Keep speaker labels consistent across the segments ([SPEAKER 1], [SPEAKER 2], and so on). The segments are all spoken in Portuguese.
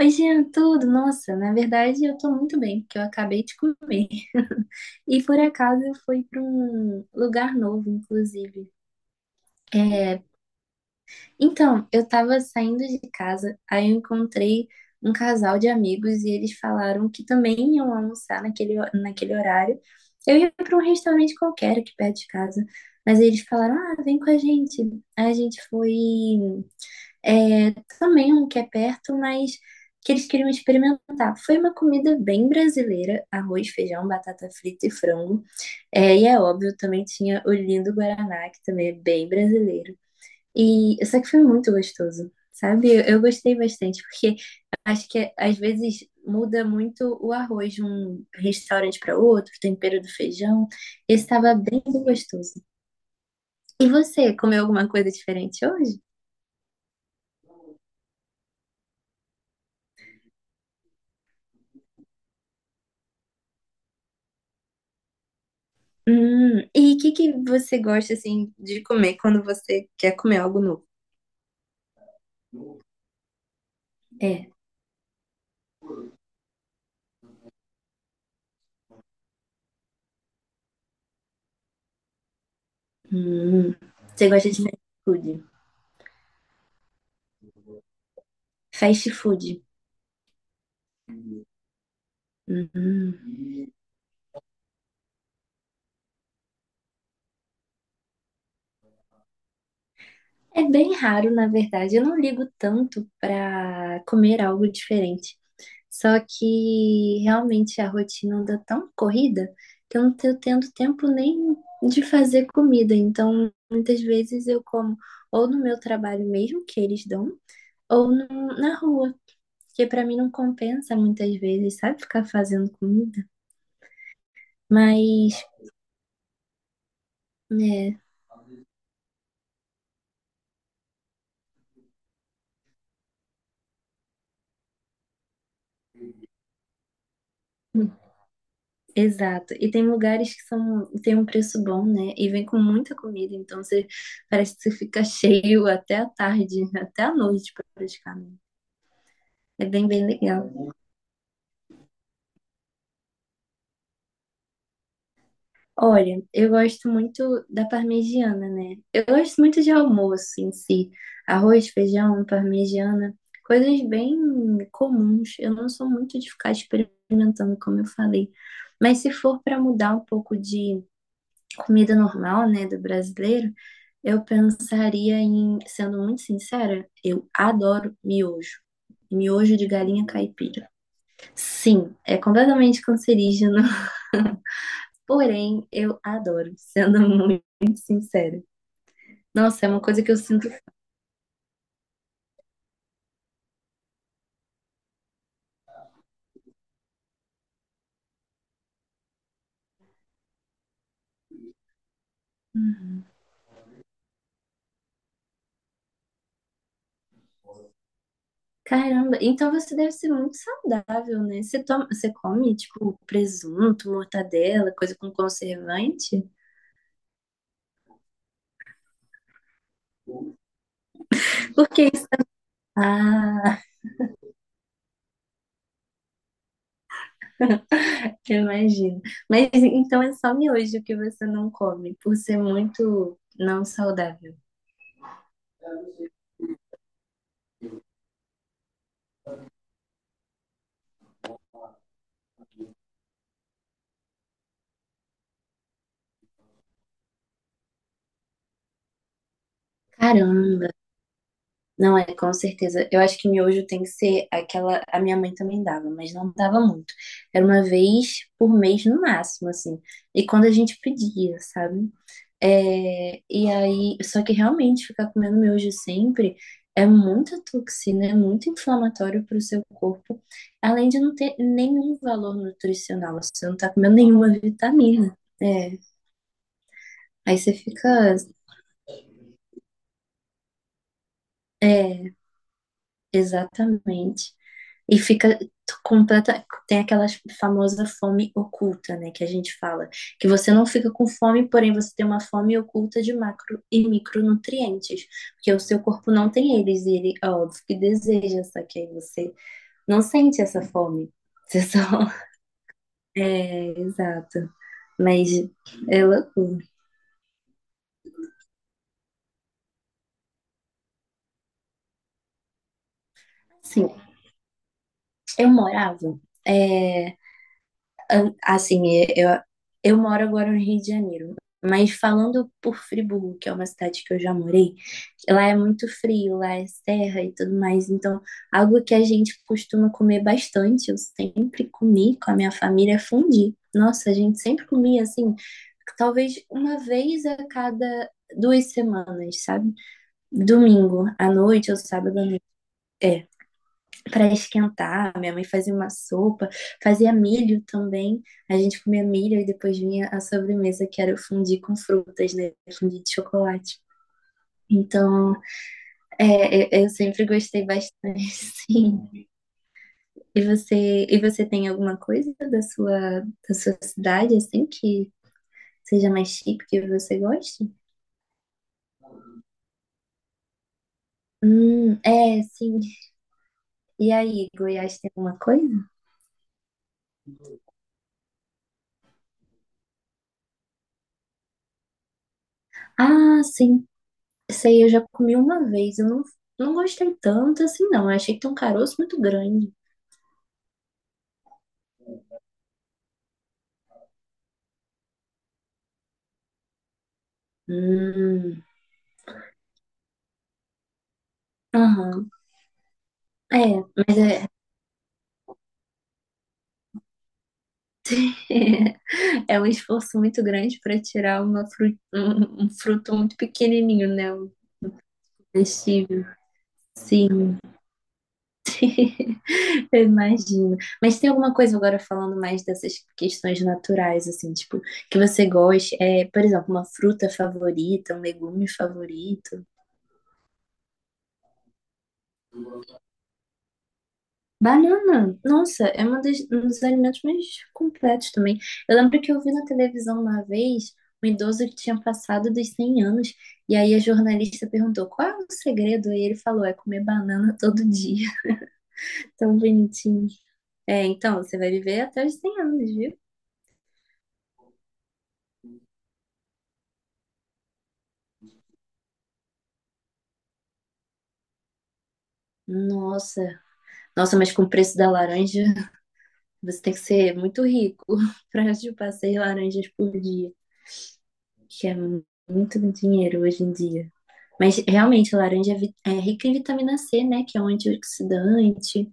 [SPEAKER 1] Oi, Jean, tudo? Nossa, na verdade eu tô muito bem, porque eu acabei de comer. E por acaso eu fui para um lugar novo, inclusive. É, então, eu tava saindo de casa, aí eu encontrei um casal de amigos e eles falaram que também iam almoçar naquele horário. Eu ia para um restaurante qualquer aqui perto de casa, mas eles falaram: ah, vem com a gente. Aí a gente foi é, também um que é perto, mas que eles queriam experimentar. Foi uma comida bem brasileira, arroz, feijão, batata frita e frango. É, e é óbvio, também tinha o lindo Guaraná, que também é bem brasileiro. E só que foi muito gostoso, sabe? Eu gostei bastante, porque acho que às vezes muda muito o arroz de um restaurante para outro, o tempero do feijão. Esse estava bem gostoso. E você, comeu alguma coisa diferente hoje? E o que que você gosta assim de comer quando você quer comer algo novo? É. Hum, você gosta de fast food? Fast food. Hum. É bem raro, na verdade. Eu não ligo tanto para comer algo diferente. Só que realmente a rotina anda tão corrida que eu não tô tendo tempo nem de fazer comida. Então, muitas vezes eu como ou no meu trabalho mesmo, que eles dão, ou no- na rua. Porque pra mim não compensa muitas vezes, sabe? Ficar fazendo comida. Mas, é, hum, exato. E tem lugares que são, tem um preço bom, né? E vem com muita comida, então você parece que você fica cheio até a tarde, até a noite praticamente. É bem, bem legal. Olha, eu gosto muito da parmegiana, né? Eu gosto muito de almoço em si. Arroz, feijão, parmegiana, coisas bem comuns. Eu não sou muito de ficar experimentando, como eu falei. Mas se for para mudar um pouco de comida normal, né, do brasileiro, eu pensaria em, sendo muito sincera, eu adoro miojo. Miojo de galinha caipira. Sim, é completamente cancerígeno. Porém, eu adoro, sendo muito sincera. Nossa, é uma coisa que eu sinto. Caramba, então você deve ser muito saudável, né? Você toma, você come, tipo, presunto, mortadela, coisa com conservante? Porque isso. Ah, eu imagino. Mas então é só miojo que você não come, por ser muito não saudável. Caramba. Não é, com certeza. Eu acho que miojo tem que ser aquela. A minha mãe também dava, mas não dava muito. Era uma vez por mês no máximo, assim. E quando a gente pedia, sabe? É, e aí, só que realmente ficar comendo miojo sempre é muita toxina, é muito inflamatório para o seu corpo, além de não ter nenhum valor nutricional. Você não tá comendo nenhuma vitamina. É, aí você fica. É, exatamente. E fica completa. Tem aquela famosa fome oculta, né? Que a gente fala. Que você não fica com fome, porém você tem uma fome oculta de macro e micronutrientes. Porque o seu corpo não tem eles e ele, é óbvio, que deseja, só que aí você não sente essa fome. Você só. É, exato. Mas é loucura. Sim, eu morava. É, Assim, eu, eu moro agora no Rio de Janeiro, mas falando por Friburgo, que é uma cidade que eu já morei, lá é muito frio, lá é serra e tudo mais. Então, algo que a gente costuma comer bastante, eu sempre comi com a minha família, é fondue. Nossa, a gente sempre comia assim, talvez uma vez a cada 2 semanas, sabe? Domingo à noite ou sábado à noite. É para esquentar. Minha mãe fazia uma sopa, fazia milho também. A gente comia milho e depois vinha a sobremesa, que era o fundi com frutas, né? Fundi de chocolate. Então, eu sempre gostei bastante, sim. E você tem alguma coisa da sua cidade, assim, que seja mais chique, que você goste? É, sim. E aí, Goiás tem alguma coisa? Ah, sim. Essa aí eu já comi uma vez, eu não, não gostei tanto assim, não. Eu achei que tem um caroço muito grande. Hum, Aham. É, mas é, é um esforço muito grande para tirar um fruto muito pequenininho, né? Um comestível. Sim, eu imagino. Mas tem alguma coisa agora falando mais dessas questões naturais, assim, tipo, que você goste? É, por exemplo, uma fruta favorita, um legume favorito? Banana, nossa, é um dos alimentos mais completos também. Eu lembro que eu vi na televisão uma vez um idoso que tinha passado dos 100 anos, e aí a jornalista perguntou qual é o segredo, e ele falou: é comer banana todo dia. Tão bonitinho. É, então, você vai viver até os 100 anos, viu? Nossa, nossa, mas com o preço da laranja, você tem que ser muito rico para chupar seis laranjas por dia, que é muito dinheiro hoje em dia. Mas realmente, a laranja é, é rica em vitamina C, né? Que é um antioxidante.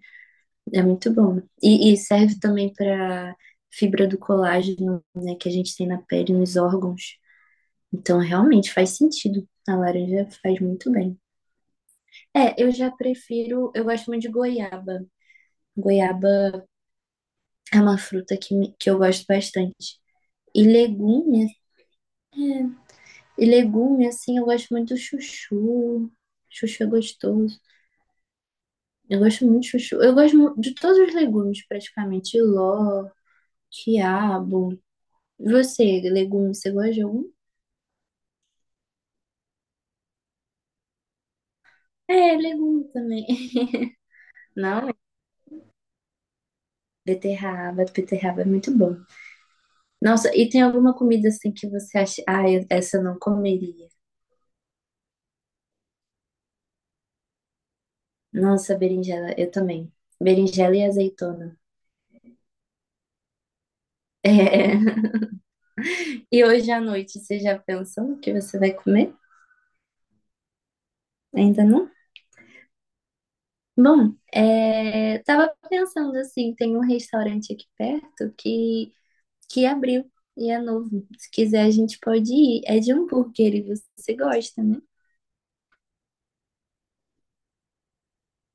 [SPEAKER 1] É muito bom. E serve também para fibra do colágeno, né? Que a gente tem na pele, nos órgãos. Então, realmente faz sentido. A laranja faz muito bem. É, eu já prefiro. Eu gosto muito de goiaba. Goiaba é uma fruta que eu gosto bastante. E legume, é, e legume, assim, eu gosto muito do chuchu. Chuchu é gostoso. Eu gosto muito de chuchu. Eu gosto de todos os legumes, praticamente. Ló, quiabo. E você, legume, você gosta de algum? É, legume também. Não, é beterraba, beterraba é muito bom. Nossa, e tem alguma comida assim que você acha, ah, eu- essa eu não comeria. Nossa, berinjela, eu também. Berinjela e azeitona. É. E hoje à noite, você já pensou no que você vai comer? Ainda não? Bom, é, tava pensando assim, tem um restaurante aqui perto que abriu e é novo. Se quiser, a gente pode ir. É de hambúrguer e você gosta, né?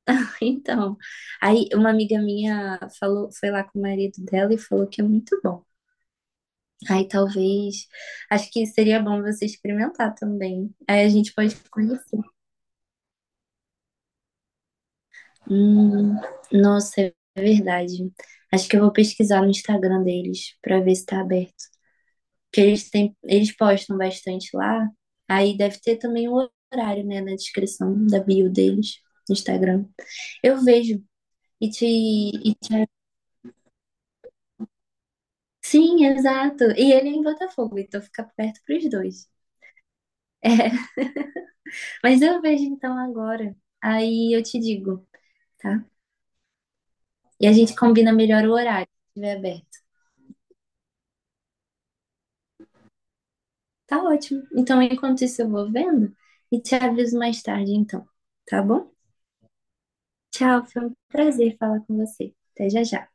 [SPEAKER 1] Então, aí uma amiga minha falou, foi lá com o marido dela e falou que é muito bom. Aí talvez, acho que seria bom você experimentar também. Aí a gente pode conhecer. Hum, nossa, é verdade. Acho que eu vou pesquisar no Instagram deles para ver se tá aberto. Que eles têm, eles postam bastante lá. Aí deve ter também o horário, né, na descrição da bio deles no Instagram. Eu vejo e te, e te- sim, exato. E ele é em Botafogo, então fica perto pros dois. É, mas eu vejo então agora. Aí eu te digo, tá? E a gente combina melhor o horário, se estiver aberto. Tá ótimo. Então, enquanto isso, eu vou vendo e te aviso mais tarde, então. Tá bom? Tchau, foi um prazer falar com você. Até já já.